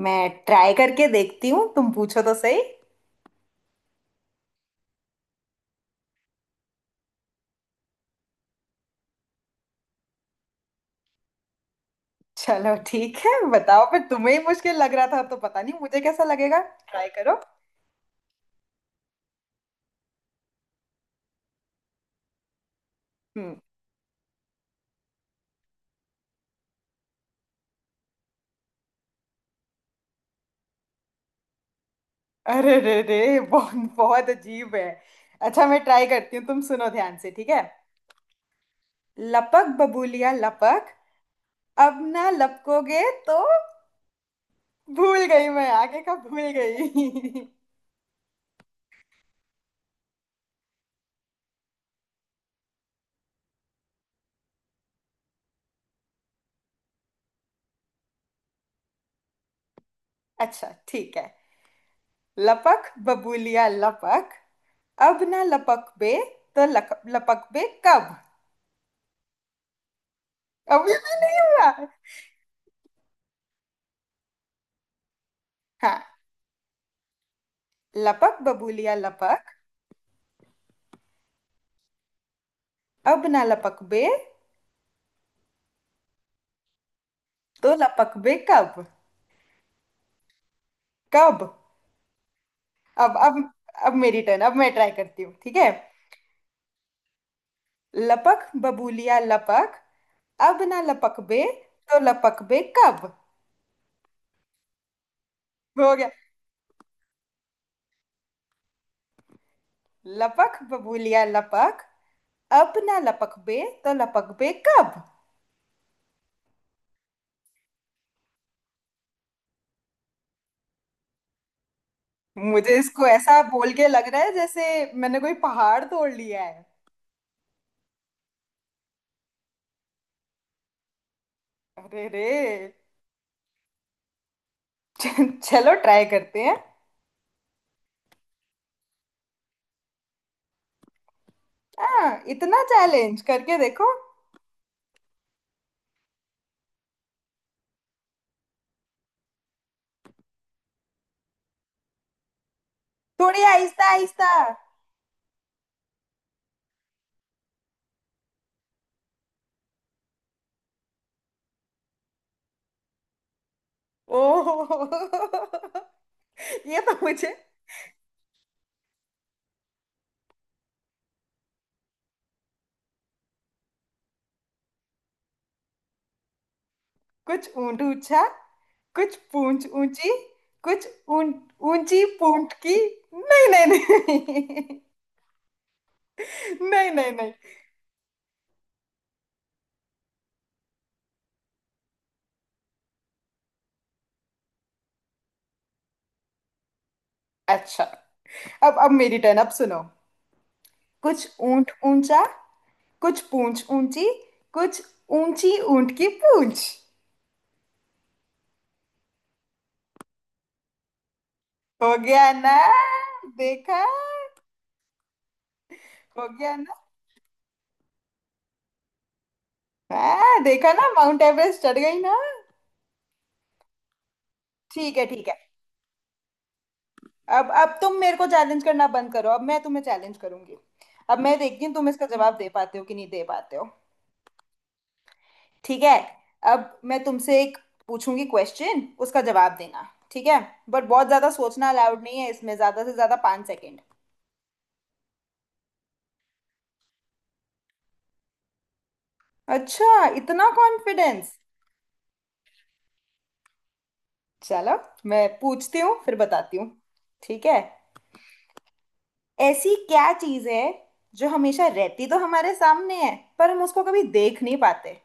मैं ट्राई करके देखती हूँ। तुम पूछो तो सही। चलो, ठीक है, बताओ फिर। तुम्हें ही मुश्किल लग रहा था तो पता नहीं मुझे कैसा लगेगा। ट्राई करो। हम्म। अरे रे रे, बहुत बहुत अजीब है। अच्छा, मैं ट्राई करती हूँ, तुम सुनो ध्यान से, ठीक है। लपक बबूलिया लपक, अब ना लपकोगे तो भूल गई, मैं आगे का भूल गई। अच्छा, ठीक है। लपक बबूलिया लपक, अब ना लपक बे, तो लक, लपक बे कब। अभी भी नहीं हुआ। हाँ। लपक बबूलिया लपक, अब ना लपक बे, तो लपक बे कब। कब। अब अब अब मेरी टर्न, अब मैं ट्राई करती हूँ, ठीक है। लपक बबूलिया लपक, अब ना लपक बे, तो लपक बे कब। हो गया। लपक बबूलिया लपक, अब ना लपक बे तो लपक बे कब। मुझे इसको ऐसा बोल के लग रहा है जैसे मैंने कोई पहाड़ तोड़ लिया है। अरे रे। चलो, ट्राई करते हैं। हाँ, इतना चैलेंज करके देखो। थोड़ी आहिस्ता आहिस्ता। ओह, ये तो मुझे कुछ ऊंट ऊंचा, कुछ पूंछ ऊंची, कुछ ऊंट ऊंची पूंछ की। नहीं नहीं नहीं। नहीं नहीं नहीं। अच्छा। अब मेरी टर्न, अब सुनो। कुछ ऊंट ऊंचा, कुछ पूंछ ऊंची, कुछ ऊंची ऊंट की पूंछ। हो गया ना। देखा। हो गया। हाँ, देखा ना, माउंट एवरेस्ट चढ़ गई ना। ठीक है, ठीक है। अब तुम मेरे को चैलेंज करना बंद करो, अब मैं तुम्हें चैलेंज करूंगी। अब मैं देखती हूँ तुम इसका जवाब दे पाते हो कि नहीं दे पाते हो। ठीक है। अब मैं तुमसे एक पूछूंगी क्वेश्चन, उसका जवाब देना, ठीक है। बट बहुत ज्यादा सोचना अलाउड नहीं है इसमें, ज्यादा से ज्यादा 5 सेकेंड। अच्छा, इतना कॉन्फिडेंस। चलो, मैं पूछती हूँ फिर बताती हूँ। ठीक है। ऐसी क्या चीज है जो हमेशा रहती तो हमारे सामने है पर हम उसको कभी देख नहीं पाते।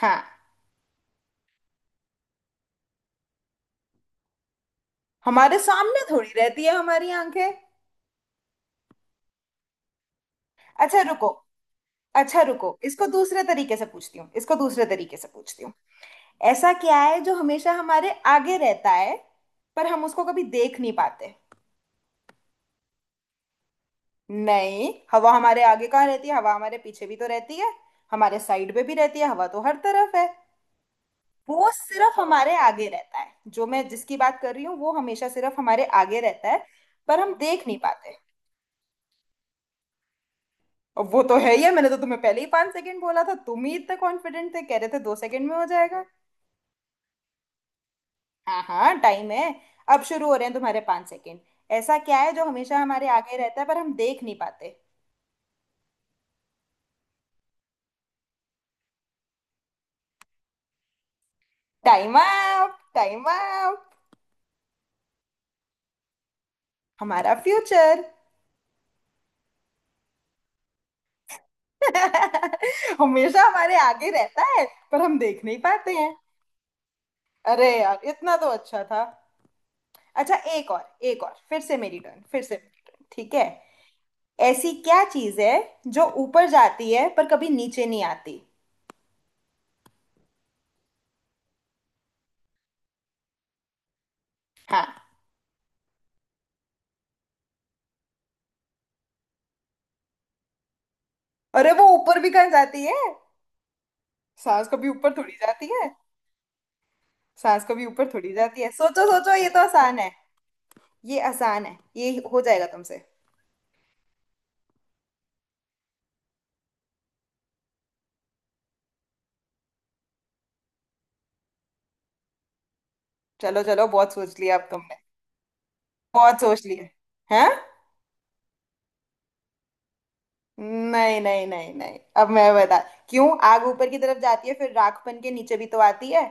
हाँ। हमारे सामने थोड़ी रहती है हमारी आंखें। अच्छा रुको। अच्छा रुको, इसको दूसरे तरीके से पूछती हूँ, इसको दूसरे तरीके से पूछती हूँ। ऐसा क्या है जो हमेशा हमारे आगे रहता है पर हम उसको कभी देख नहीं पाते। नहीं, हवा हमारे आगे कहाँ रहती है, हवा हमारे पीछे भी तो रहती है, हमारे साइड पे भी रहती है, हवा तो हर तरफ है। वो सिर्फ हमारे आगे रहता है जो मैं जिसकी बात कर रही हूँ, वो हमेशा सिर्फ हमारे आगे रहता है पर हम देख नहीं पाते। और वो तो है ही है, मैंने तो तुम्हें पहले ही 5 सेकंड बोला था, तुम ही इतने कॉन्फिडेंट थे, कह रहे थे 2 सेकंड में हो जाएगा। हाँ हाँ, टाइम है। अब शुरू हो रहे हैं तुम्हारे 5 सेकंड। ऐसा क्या है जो हमेशा हमारे आगे रहता है पर हम देख नहीं पाते। Time up, time up. हमारा फ्यूचर। हमेशा हमारे आगे रहता है पर हम देख नहीं पाते हैं। अरे यार, इतना तो अच्छा था। अच्छा, एक और, एक और, फिर से मेरी टर्न, फिर से मेरी टर्न, ठीक है। ऐसी क्या चीज है जो ऊपर जाती है पर कभी नीचे नहीं आती। हाँ। अरे वो ऊपर भी कहाँ जाती है, सांस कभी ऊपर थोड़ी जाती है। सांस कभी ऊपर थोड़ी जाती है, सोचो सोचो, ये तो आसान है। ये आसान है, ये हो जाएगा तुमसे। चलो चलो, बहुत सोच लिया अब तुमने। बहुत सोच लिया। हैं। नहीं नहीं नहीं नहीं, अब मैं बता, क्यों आग ऊपर की तरफ जाती है फिर राख बन के नीचे भी तो आती है।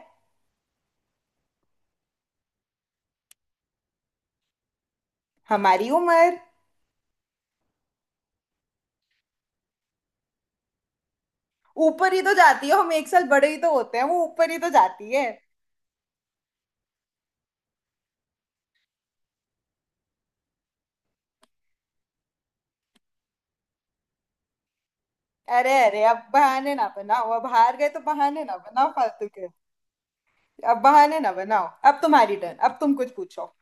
हमारी उम्र। ऊपर ही तो जाती है, हम 1 साल बड़े ही तो होते हैं, वो ऊपर ही तो जाती है। अरे अरे, अब बहाने ना बनाओ, अब हार गए तो बहाने ना बनाओ फालतू के। अब बहाने ना बनाओ, अब तुम्हारी टर्न, अब तुम कुछ पूछो।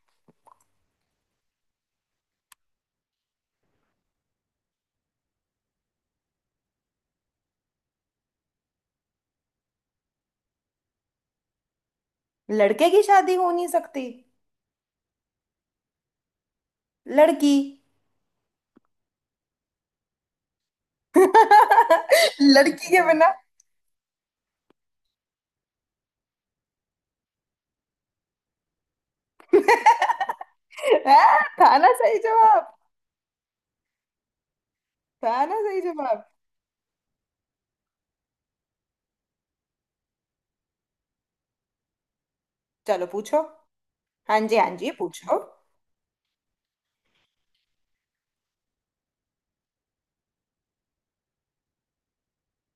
लड़के की शादी हो नहीं सकती। लड़की। लड़की के बिना। हाँ, था ना सही जवाब। था ना सही जवाब। चलो पूछो। हाँ जी हाँ जी, पूछो।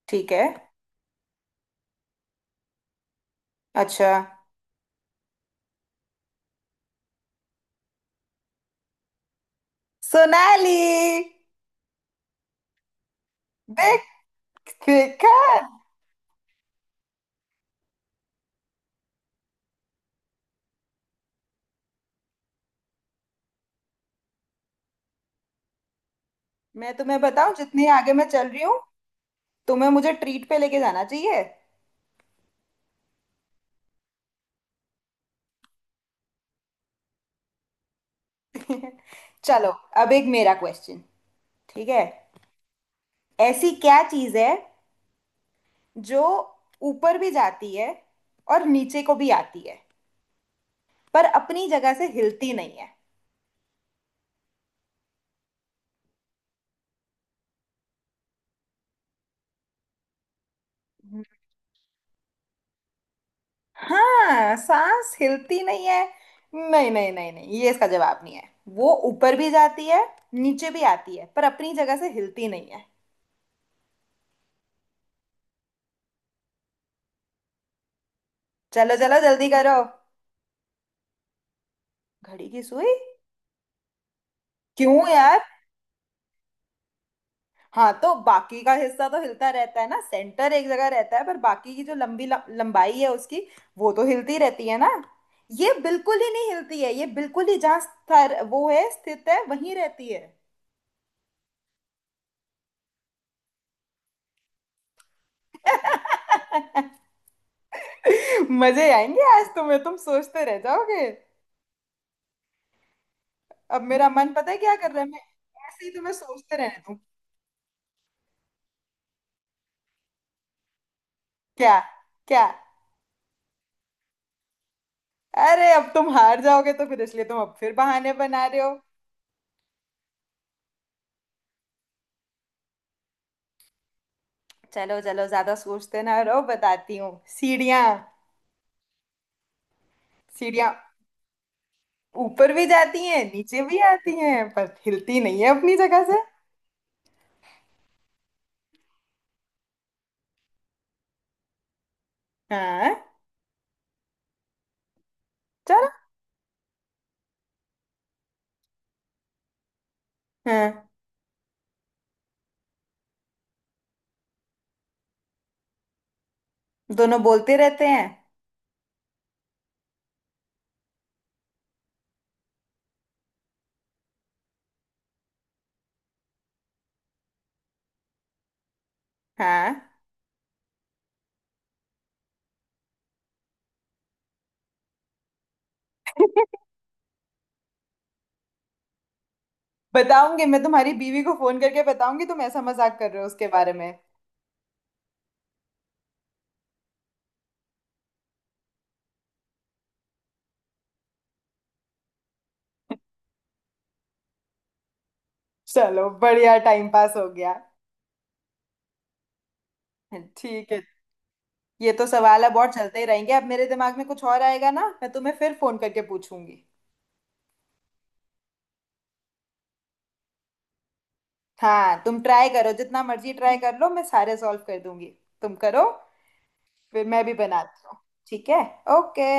ठीक है। अच्छा। सोनाली। देख। देखा। मैं तुम्हें बताऊं, जितनी आगे मैं चल रही हूँ, तुम्हें मुझे ट्रीट पे लेके जाना चाहिए। चलो। अब एक मेरा क्वेश्चन। ठीक है। ऐसी क्या चीज है जो ऊपर भी जाती है और नीचे को भी आती है पर अपनी जगह से हिलती नहीं है। हाँ, सांस हिलती नहीं है। नहीं नहीं नहीं नहीं, ये इसका जवाब नहीं है। वो ऊपर भी जाती है, नीचे भी आती है पर अपनी जगह से हिलती नहीं है। चलो चलो, जल्दी करो। घड़ी की सुई। क्यों यार। हाँ, तो बाकी का हिस्सा तो हिलता रहता है ना, सेंटर एक जगह रहता है पर बाकी की जो लंबी लंबाई है उसकी, वो तो हिलती रहती है ना। ये बिल्कुल ही नहीं हिलती है, ये बिल्कुल ही जहाँ स्तर वो है स्थित है वहीं रहती है। मजे आएंगे आज तुम्हें, तुम सोचते रह जाओगे। अब मेरा मन पता है क्या कर रहा है, मैं ऐसे ही तुम्हें सोचते रहने दूं। क्या। क्या। अरे, अब तुम हार जाओगे तो फिर इसलिए तुम अब फिर बहाने बना रहे हो। चलो चलो, ज्यादा सोचते ना रहो, बताती हूँ। सीढ़ियाँ। सीढ़ियाँ ऊपर भी जाती हैं, नीचे भी आती हैं पर हिलती नहीं है अपनी जगह से। हाँ। चलो। हाँ। दोनों बोलते रहते हैं। हाँ। बताऊंगी, मैं तुम्हारी बीवी को फोन करके बताऊंगी तुम ऐसा मजाक कर रहे हो उसके बारे में। चलो, बढ़िया टाइम पास हो गया। ठीक है। ये तो सवाल अब और चलते ही रहेंगे, अब मेरे दिमाग में कुछ और आएगा ना, मैं तुम्हें फिर फोन करके पूछूंगी। हाँ, तुम ट्राई करो, जितना मर्जी ट्राई कर लो, मैं सारे सॉल्व कर दूंगी। तुम करो। फिर मैं भी बनाती हूँ। ठीक है। ओके।